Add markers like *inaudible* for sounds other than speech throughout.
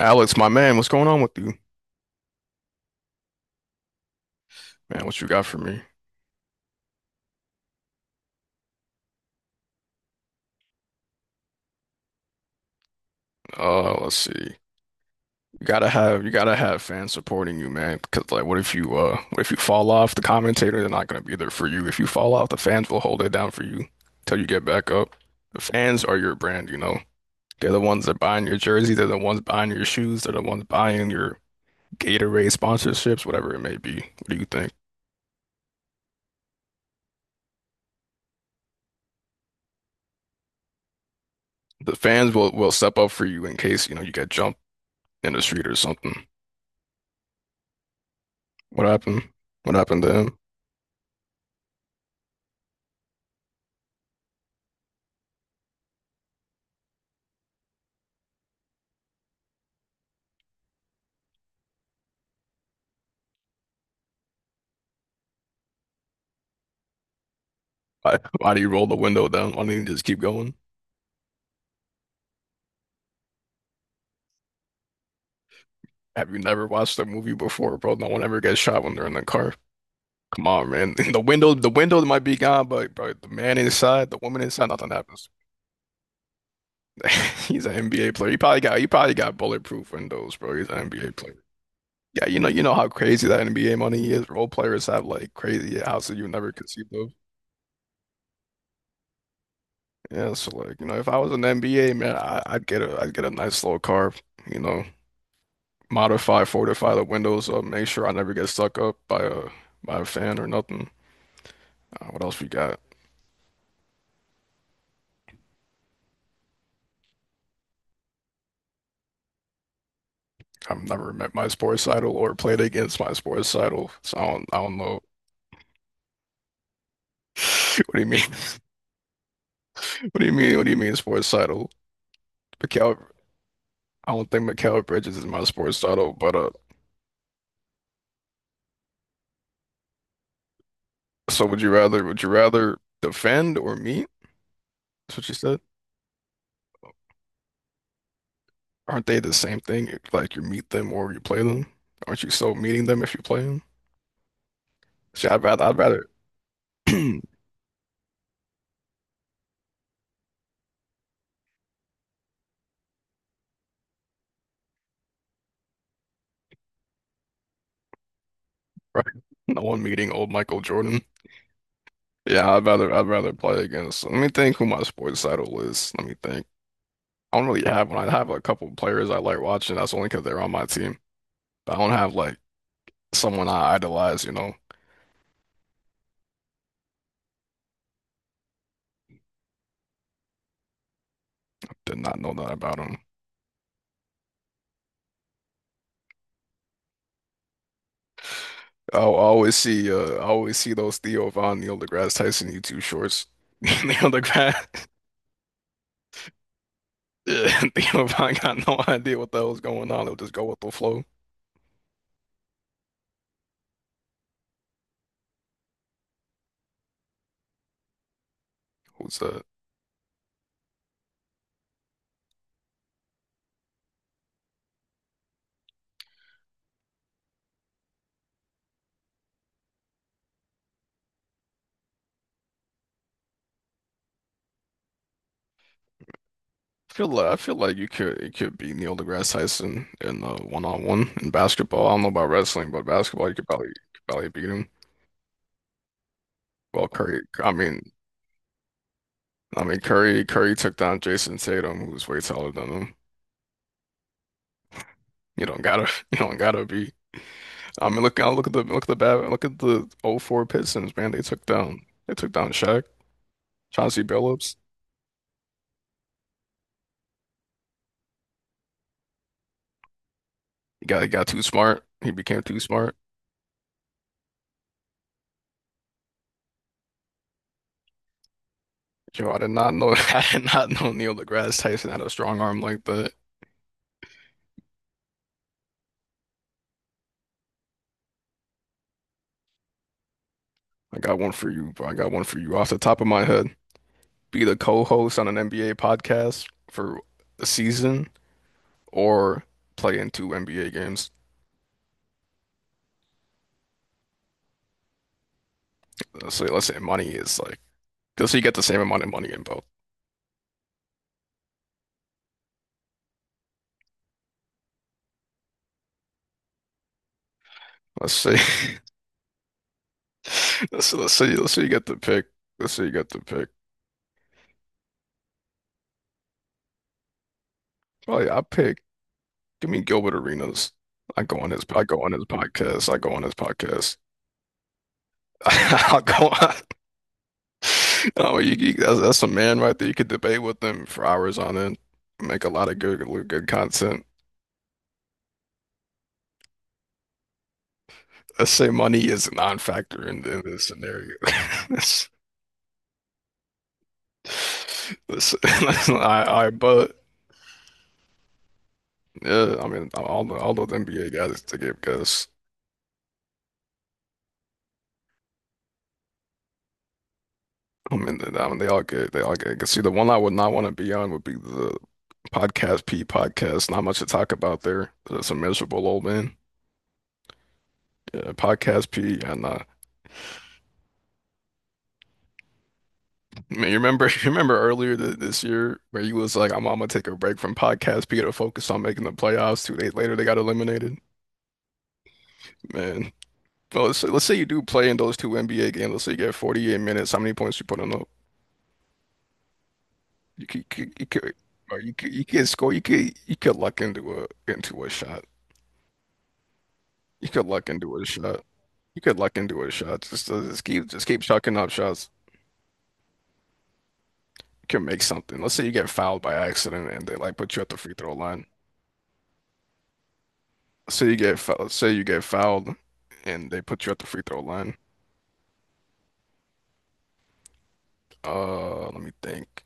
Alex, my man, what's going on with you? Man, what you got for me? Let's see. You gotta have fans supporting you, man. Because like, what if you fall off? The commentator, they're not gonna be there for you. If you fall off, the fans will hold it down for you till you get back up. The fans are your brand. They're the ones that buying your jersey. They're the ones buying your shoes. They're the ones buying your Gatorade sponsorships, whatever it may be. What do you think? The fans will step up for you in case you get jumped in the street or something. What happened? What happened to him? Why do you roll the window down? Why don't you just keep going? Have you never watched a movie before, bro? No one ever gets shot when they're in the car. Come on, man. *laughs* The window might be gone, but bro, the man inside, the woman inside, nothing happens. *laughs* He's an NBA player. He probably got bulletproof windows, bro. He's an NBA player. Yeah, you know how crazy that NBA money is. Role players have like crazy houses you never conceived of. Yeah, so like, you know, if I was an NBA man, I'd get a, I'd get a nice little car, you know. Modify, fortify the windows up, make sure I never get stuck up by a fan or nothing. What else we got? I've never met my sports idol or played against my sports idol, so I don't know. *laughs* What do you mean? *laughs* What do you mean? What do you mean sports idol? Mikal, I don't think Mikal Bridges is my sports idol, but So would you rather? Would you rather defend or meet? That's what you said. Aren't they the same thing? Like you meet them or you play them? Aren't you still meeting them if you play them? See, I'd rather. *clears throat* Right. No one meeting old Michael Jordan. Yeah, I'd rather play against. Let me think who my sports idol is. Let me think. I don't really have one. I have a couple of players I like watching. That's only because they're on my team. But I don't have like someone I idolize. Did not know that about him. Oh, I always see those Theo Von, Neil deGrasse Tyson YouTube shorts. *laughs* Neil deGrasse. *laughs* Yeah, Theo Von got no idea what the hell's going on. They'll just go with the flow. Who's that? I feel like you could it could be Neil deGrasse Tyson in the one on one in basketball. I don't know about wrestling, but basketball you could probably beat him. Well, Curry, I mean Curry took down Jason Tatum, who's way taller than him. You don't gotta *laughs* you don't gotta be. I mean, look at the '04 Pistons, man. They took down Shaq, Chauncey Billups. He got too smart. He became too smart. Yo, I did not know *laughs* I did not know Neil deGrasse Tyson had a strong arm like that. I got one for you, bro. I got one for you off the top of my head. Be the co-host on an NBA podcast for a season or play in two NBA games. Let's say money is like, let's say you get the same amount of money in both. Let's say, *laughs* let's say you get the pick. Let's say you get the pick. Probably I pick. Give me Gilbert Arenas. I go on his podcast. I go on his podcast. *laughs* I'll go on. *laughs* No, you, that's a man right there. You could debate with them for hours on end, make a lot of good content. Let's say money is a non-factor in this scenario. *laughs* That's, but yeah, I mean, all those NBA guys to give because I mean, they all good. They all good. 'Cause see, the one I would not want to be on would be the podcast P podcast. Not much to talk about there. It's a miserable old man. Yeah, podcast P and Man, you remember *laughs* you remember earlier th this year where you was like, I'm gonna take a break from podcast, be able to focus on making the playoffs. 2 days later, they got eliminated. Man, well, let's say you do play in those two NBA games. Let's say you get 48 minutes. How many points you putting up? You could you could you could, or you could score. You could luck into a shot. You could luck into a shot. You could luck into a shot. Just keep chucking up shots. You can make something. Let's say you get fouled by accident and they like put you at the free throw line. Say you get fouled, and they put you at the free throw line. Let me think.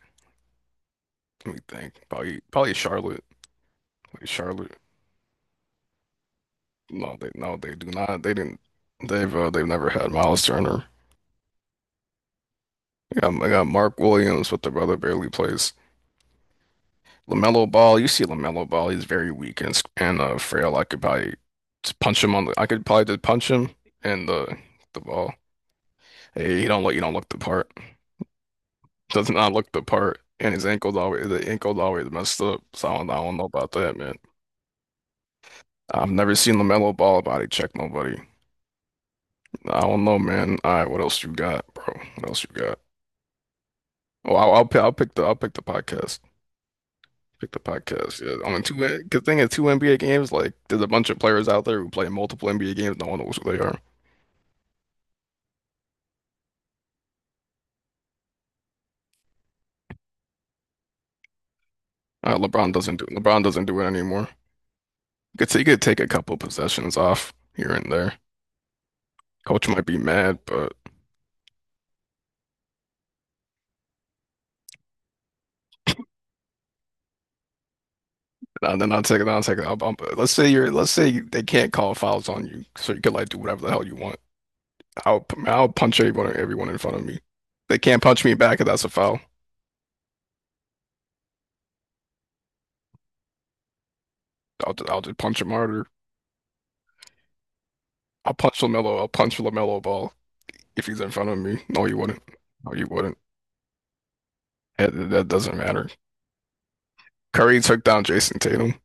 Let me think. Probably Charlotte. Like Charlotte. No, they no, they do not. They didn't. They've never had Miles Turner. They got Mark Williams, but the brother barely plays. LaMelo Ball. You see LaMelo Ball. He's very weak and s- and frail. I could probably just punch him on the. I could probably just punch him and the ball. Hey, he don't look. You don't look the part. Does not look the part, and his ankle's always messed up. So I don't know about that, man. I've never seen LaMelo Ball body check nobody. I don't know, man. All right, what else you got, bro? What else you got? Oh, I'll pick. I'll pick the podcast. Pick the podcast. Yeah, I mean, two. Good thing is two NBA games. Like, there's a bunch of players out there who play multiple NBA games. No one knows who they are. LeBron doesn't do it anymore. You could say you could take a couple possessions off here and there. Coach might be mad, but. No, then I'll take it. I'll take it. Let's say you're. Let's say they can't call fouls on you, so you can like do whatever the hell you want. I'll punch everyone in front of me. They can't punch me back if that's a foul. I'll just punch him harder. I'll punch LaMelo. I'll punch LaMelo Ball if he's in front of me. No, you wouldn't. No, you wouldn't. That doesn't matter. Curry took down Jason Tatum.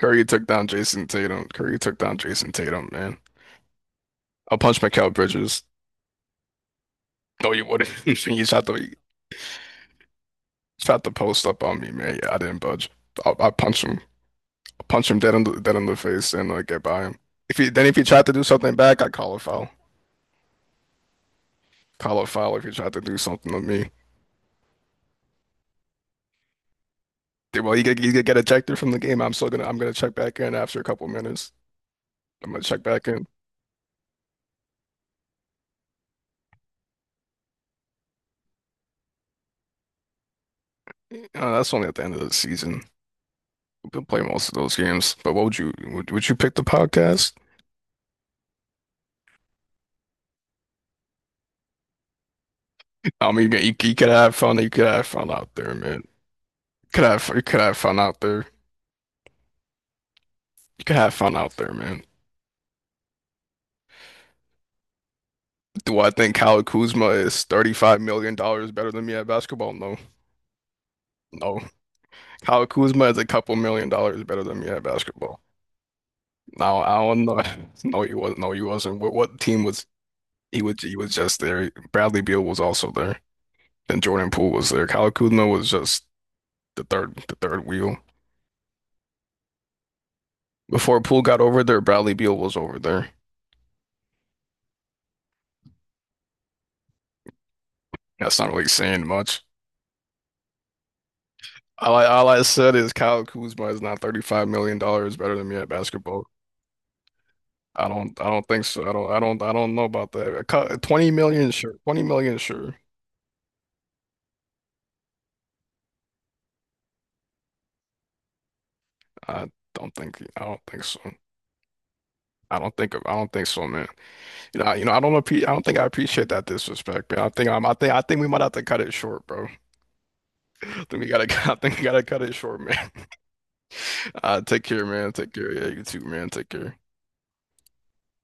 Curry took down Jason Tatum. Curry took down Jason Tatum. Man, I'll punch Mikal Bridges. No, you wouldn't. *laughs* You shot the post up on me, man. Yeah, I didn't budge. I punched him. Punch him dead in the face and like get by him. If he tried to do something back, I'd call a foul. Call a foul if he tried to do something to me. Yeah, well, he could get ejected from the game. I'm gonna check back in after a couple minutes. I'm gonna check back in. That's only at the end of the season. We'll play most of those games. But what would you pick the podcast? I mean, you could have fun. You could have fun out there, man. You could have fun out there. You could have fun out there, man. Do I think Kyle Kuzma is $35 million dollars better than me at basketball? No, no. Kyle Kuzma is a couple million dollars better than me at basketball. Now I don't know. *laughs* No, he was. No, he wasn't. What team was he was he was just there. Bradley Beal was also there, and Jordan Poole was there. Kyle Kuzma was just the third wheel. Before Poole got over there, Bradley Beal was over there. That's not really saying much. All I said is Kyle Kuzma is not $35 million better than me at basketball. I don't think so. I don't know about that. 20 million sure. 20 million sure. I I don't think so. I don't think so, man. I don't think I appreciate that disrespect, man. I think I think we might have to cut it short, bro. *laughs* I think we gotta *laughs* I think we gotta cut it short, man. *laughs* Take care, man. Take care. Yeah, you too, man. Take care.